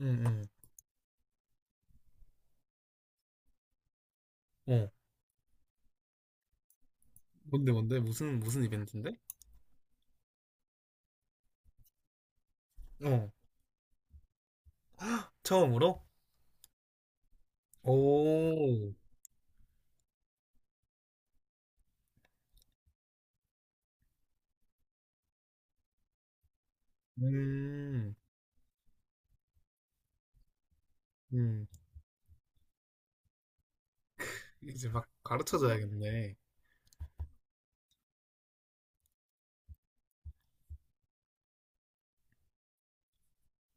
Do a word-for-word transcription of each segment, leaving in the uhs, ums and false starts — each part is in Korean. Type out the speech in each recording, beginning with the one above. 응, 응. 어. 뭔데, 뭔데? 무슨, 무슨 이벤트인데? 어. 헉, 처음으로? 오. 음. 음. 이제 막 가르쳐줘야겠네.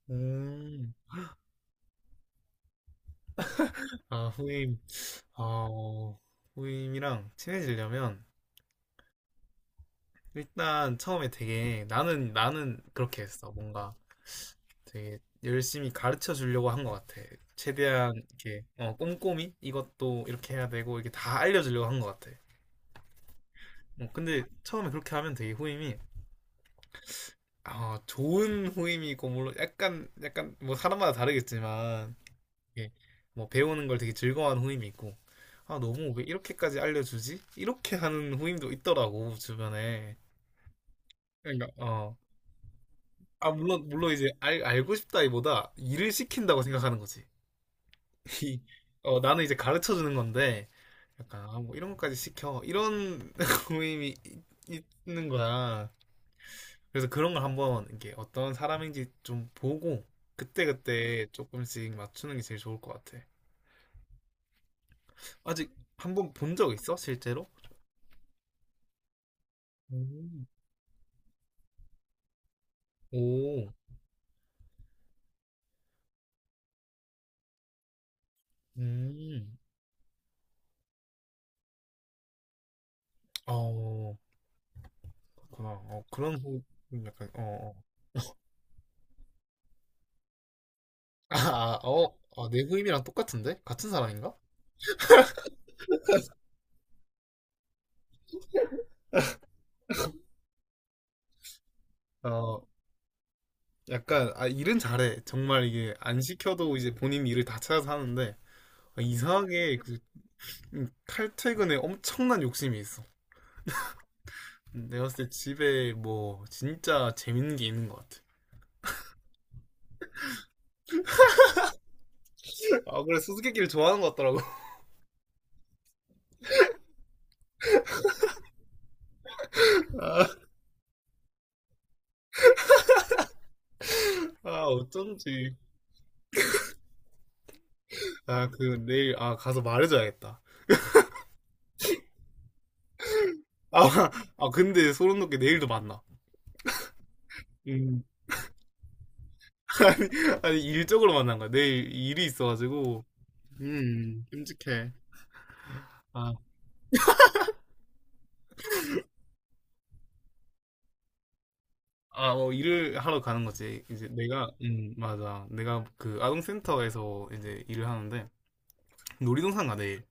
음. 아, 후임. 어, 후임이랑 친해지려면 일단 처음에 되게 나는, 나는 그렇게 했어. 뭔가 되게 열심히 가르쳐 주려고 한 것 같아. 최대한 이렇게 어, 꼼꼼히 이것도 이렇게 해야 되고 이렇게 다 알려주려고 한 것 같아. 어, 근데 처음에 그렇게 하면 되게 후임이 아, 좋은 후임이고, 물론 약간, 약간, 뭐 사람마다 다르겠지만, 이게 뭐 배우는 걸 되게 즐거워하는 후임이 있고, 아, 너무 왜 이렇게까지 알려주지? 이렇게 하는 후임도 있더라고, 주변에. 그러니까, 어. 아, 물론, 물론 이제 알, 알고 싶다기보다 일을 시킨다고 생각하는 거지. 이, 어, 나는 이제 가르쳐 주는 건데, 약간, 아, 뭐 이런 것까지 시켜. 이런 후임이 있- 있는 거야. 그래서 그런 걸 한번 이게 어떤 사람인지 좀 보고 그때그때 조금씩 맞추는 게 제일 좋을 것 같아. 아직 한 번 본 적 있어? 실제로? 음. 오, 음, 어, 그렇구나. 어, 그런 호흡, 약간, 어, 어. 아, 아, 어, 아, 내 후임이랑 똑같은데? 같은 사람인가? 어, 약간, 아, 일은 잘해. 정말 이게 안 시켜도 이제 본인 일을 다 찾아서 하는데, 아, 이상하게 그 음, 칼퇴근에 엄청난 욕심이 있어. 내가 봤을 때 집에 뭐 진짜 재밌는 게 있는 것 같아. 아, 그래, 수수께끼를 좋아하는 것 같더라고. 아, 아, 어쩐지. 아, 그 내일 아, 가서 말해줘야겠다. 아, 아, 근데 소름 돋게 내일도 만나. 음. 아니, 일적으로 만난 거야. 내일 일이 있어가지고. 음, 끔찍해. 아, 아, 어, 일을 하러 가는 거지. 이제 내가, 음, 맞아. 내가 그 아동센터에서 이제 일을 하는데, 놀이동산 가, 내일.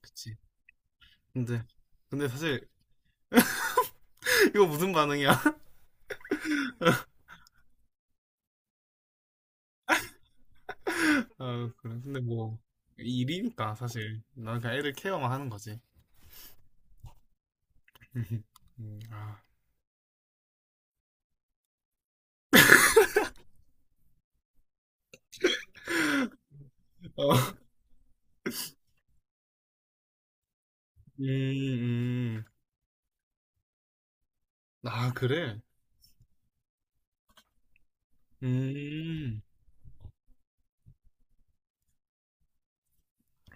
그치. 근데, 근데 사실, 이거 무슨 반응이야? 아, 그래. 근데 뭐, 일이니까, 사실. 난 그냥 애들 케어만 하는 거지. 음, 아. 어, 음, 음. 아, 그래? 음.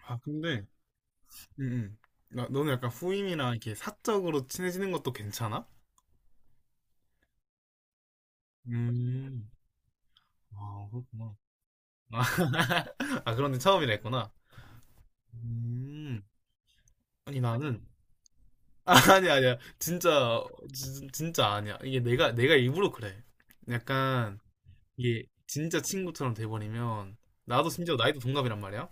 아, 근데, 음, 음. 나, 너는 약간 후임이랑 이렇게 사적으로 친해지는 것도 괜찮아? 음. 아, 그렇구나. 아, 아, 그런데 처음이라 했구나. 음. 아니, 나는. 아, 아니, 아니야. 진짜, 진, 진짜 아니야. 이게 내가, 내가 일부러 그래. 약간, 이게 진짜 친구처럼 돼버리면 나도 심지어 나이도 동갑이란 말이야.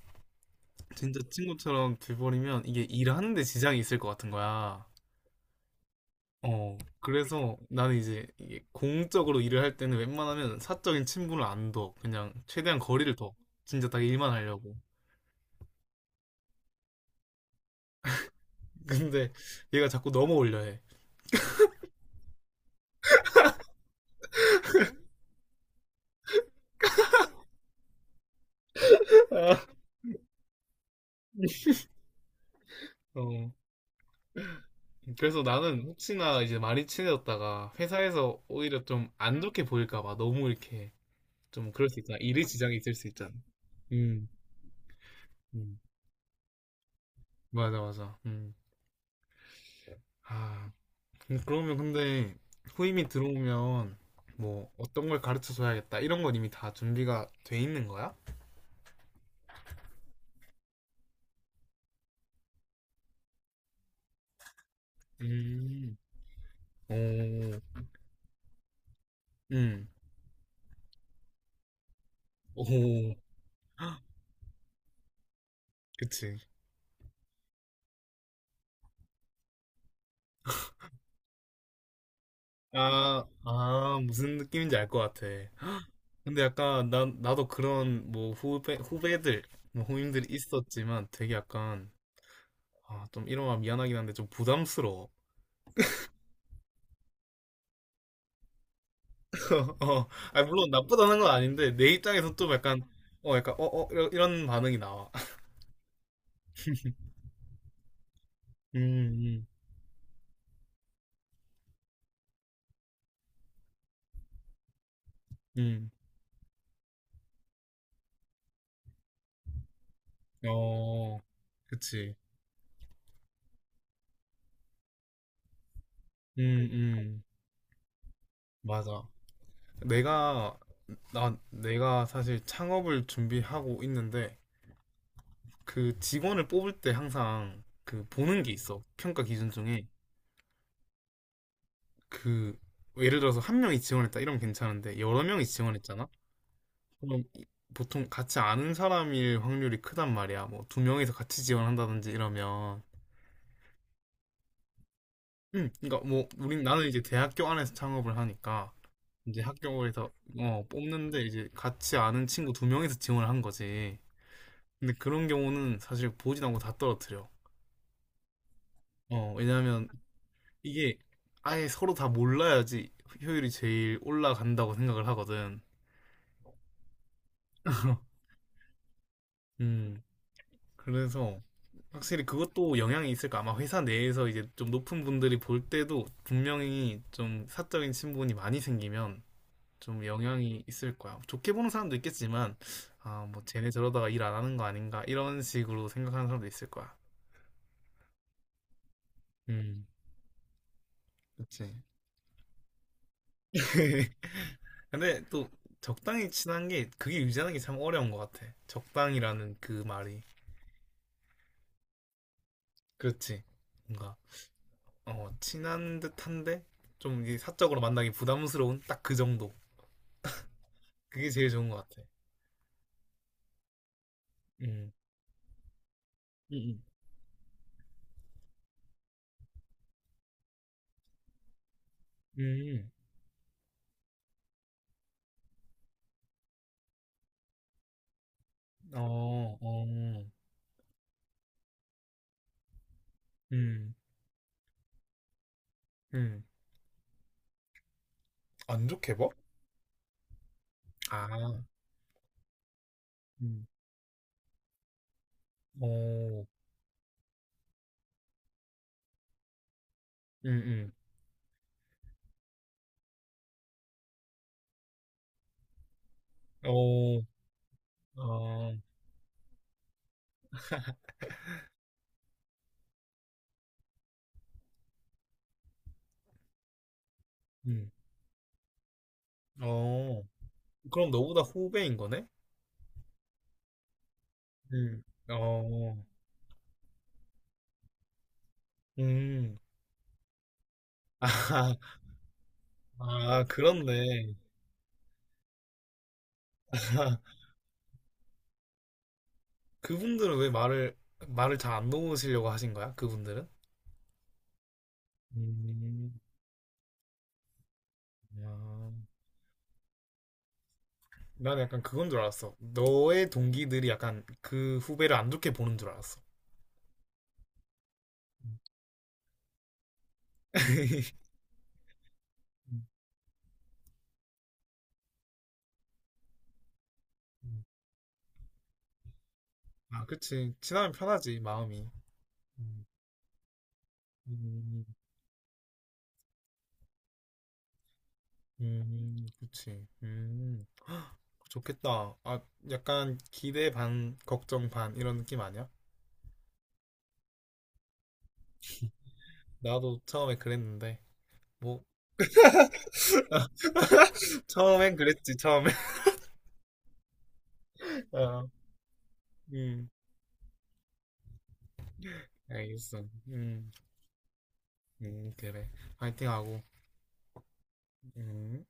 진짜 친구처럼 돼버리면 이게 일하는데 지장이 있을 것 같은 거야. 어, 그래서 나는 이제 이게 공적으로 일을 할 때는 웬만하면 사적인 친분을 안 둬. 그냥 최대한 거리를 둬. 진짜 딱 일만 하려고. 근데 얘가 자꾸 넘어올려 해. 어. 그래서 나는 혹시나 이제 많이 친해졌다가 회사에서 오히려 좀 안 좋게 보일까 봐 너무 이렇게 좀 그럴 수 있잖아. 일에 지장이 있을 수 있잖아. 음. 음. 맞아, 맞아. 음. 아, 음, 그러면 근데 후임이 들어오면 뭐 어떤 걸 가르쳐 줘야겠다 이런 건 이미 다 준비가 돼 있는 거야? 음, 오, 음, 오, 그치. 아, 아, 무슨 느낌인지 알 것 같아. 근데 약간 나, 나도 그런 뭐 후배, 후배들, 뭐 후임들이 있었지만 되게 약간 아, 좀 이러면 미안하긴 한데 좀 부담스러워. 어, 아, 물론 나쁘다는 건 아닌데, 내 입장에서 좀 약간, 어, 약간, 어, 어, 이런, 반응이 나와. 음, 음, 음. 어, 그치. 음, 음, 맞아. 내가, 나, 내가 사실 창업을 준비하고 있는데, 그 직원을 뽑을 때 항상 그 보는 게 있어. 평가 기준 중에. 그, 예를 들어서 한 명이 지원했다. 이러면 괜찮은데, 여러 명이 지원했잖아? 그럼 보통 같이 아는 사람일 확률이 크단 말이야. 뭐 두 명이서 같이 지원한다든지 이러면, 음, 그러니까 뭐 우린 나는 이제 대학교 안에서 창업을 하니까 이제 학교에서 어, 뽑는데 이제 같이 아는 친구 두 명이서 지원을 한 거지. 근데 그런 경우는 사실 보지도 않고 다 떨어뜨려. 어, 왜냐하면 이게 아예 서로 다 몰라야지 효율이 제일 올라간다고 생각을 하거든. 음, 그래서 확실히 그것도 영향이 있을까? 아마 회사 내에서 이제 좀 높은 분들이 볼 때도 분명히 좀 사적인 친분이 많이 생기면 좀 영향이 있을 거야. 좋게 보는 사람도 있겠지만, 아, 뭐 쟤네 저러다가 일 안 하는 거 아닌가? 이런 식으로 생각하는 사람도 있을 거야. 음, 그치. 근데 또 적당히 친한 게 그게 유지하는 게 참 어려운 것 같아. 적당이라는 그 말이. 그렇지. 뭔가, 어, 친한 듯한데 좀 이제 사적으로 만나기 부담스러운 딱 그 정도. 그게 제일 좋은 것 같아. 음. 음. 음. 음. 어, 어. 음. 음. 안 좋게 봐? 아. 음. 어. 음. 음. 어. 아. 음. 어. 그럼 너보다 후배인 거네? 음. 어. 음. 아. 아, 그렇네. 그분들은 왜 말을 말을 잘 안 놓으시려고 하신 거야? 그분들은? 음. 아. 난 약간 그건 줄 알았어. 너의 동기들이 약간 그 후배를 안 좋게 보는 줄 알았어. 음, 음, 음. 아, 그치. 친하면 편하지, 마음이. 음, 음, 음, 그치. 음, 좋겠다. 아, 약간 기대 반, 걱정 반, 이런 느낌 아니야? 나도 처음에 그랬는데. 뭐, 처음엔 그랬지, 처음엔. 어, 음, 알겠어. 음, 음, 그래. 파이팅하고. 음.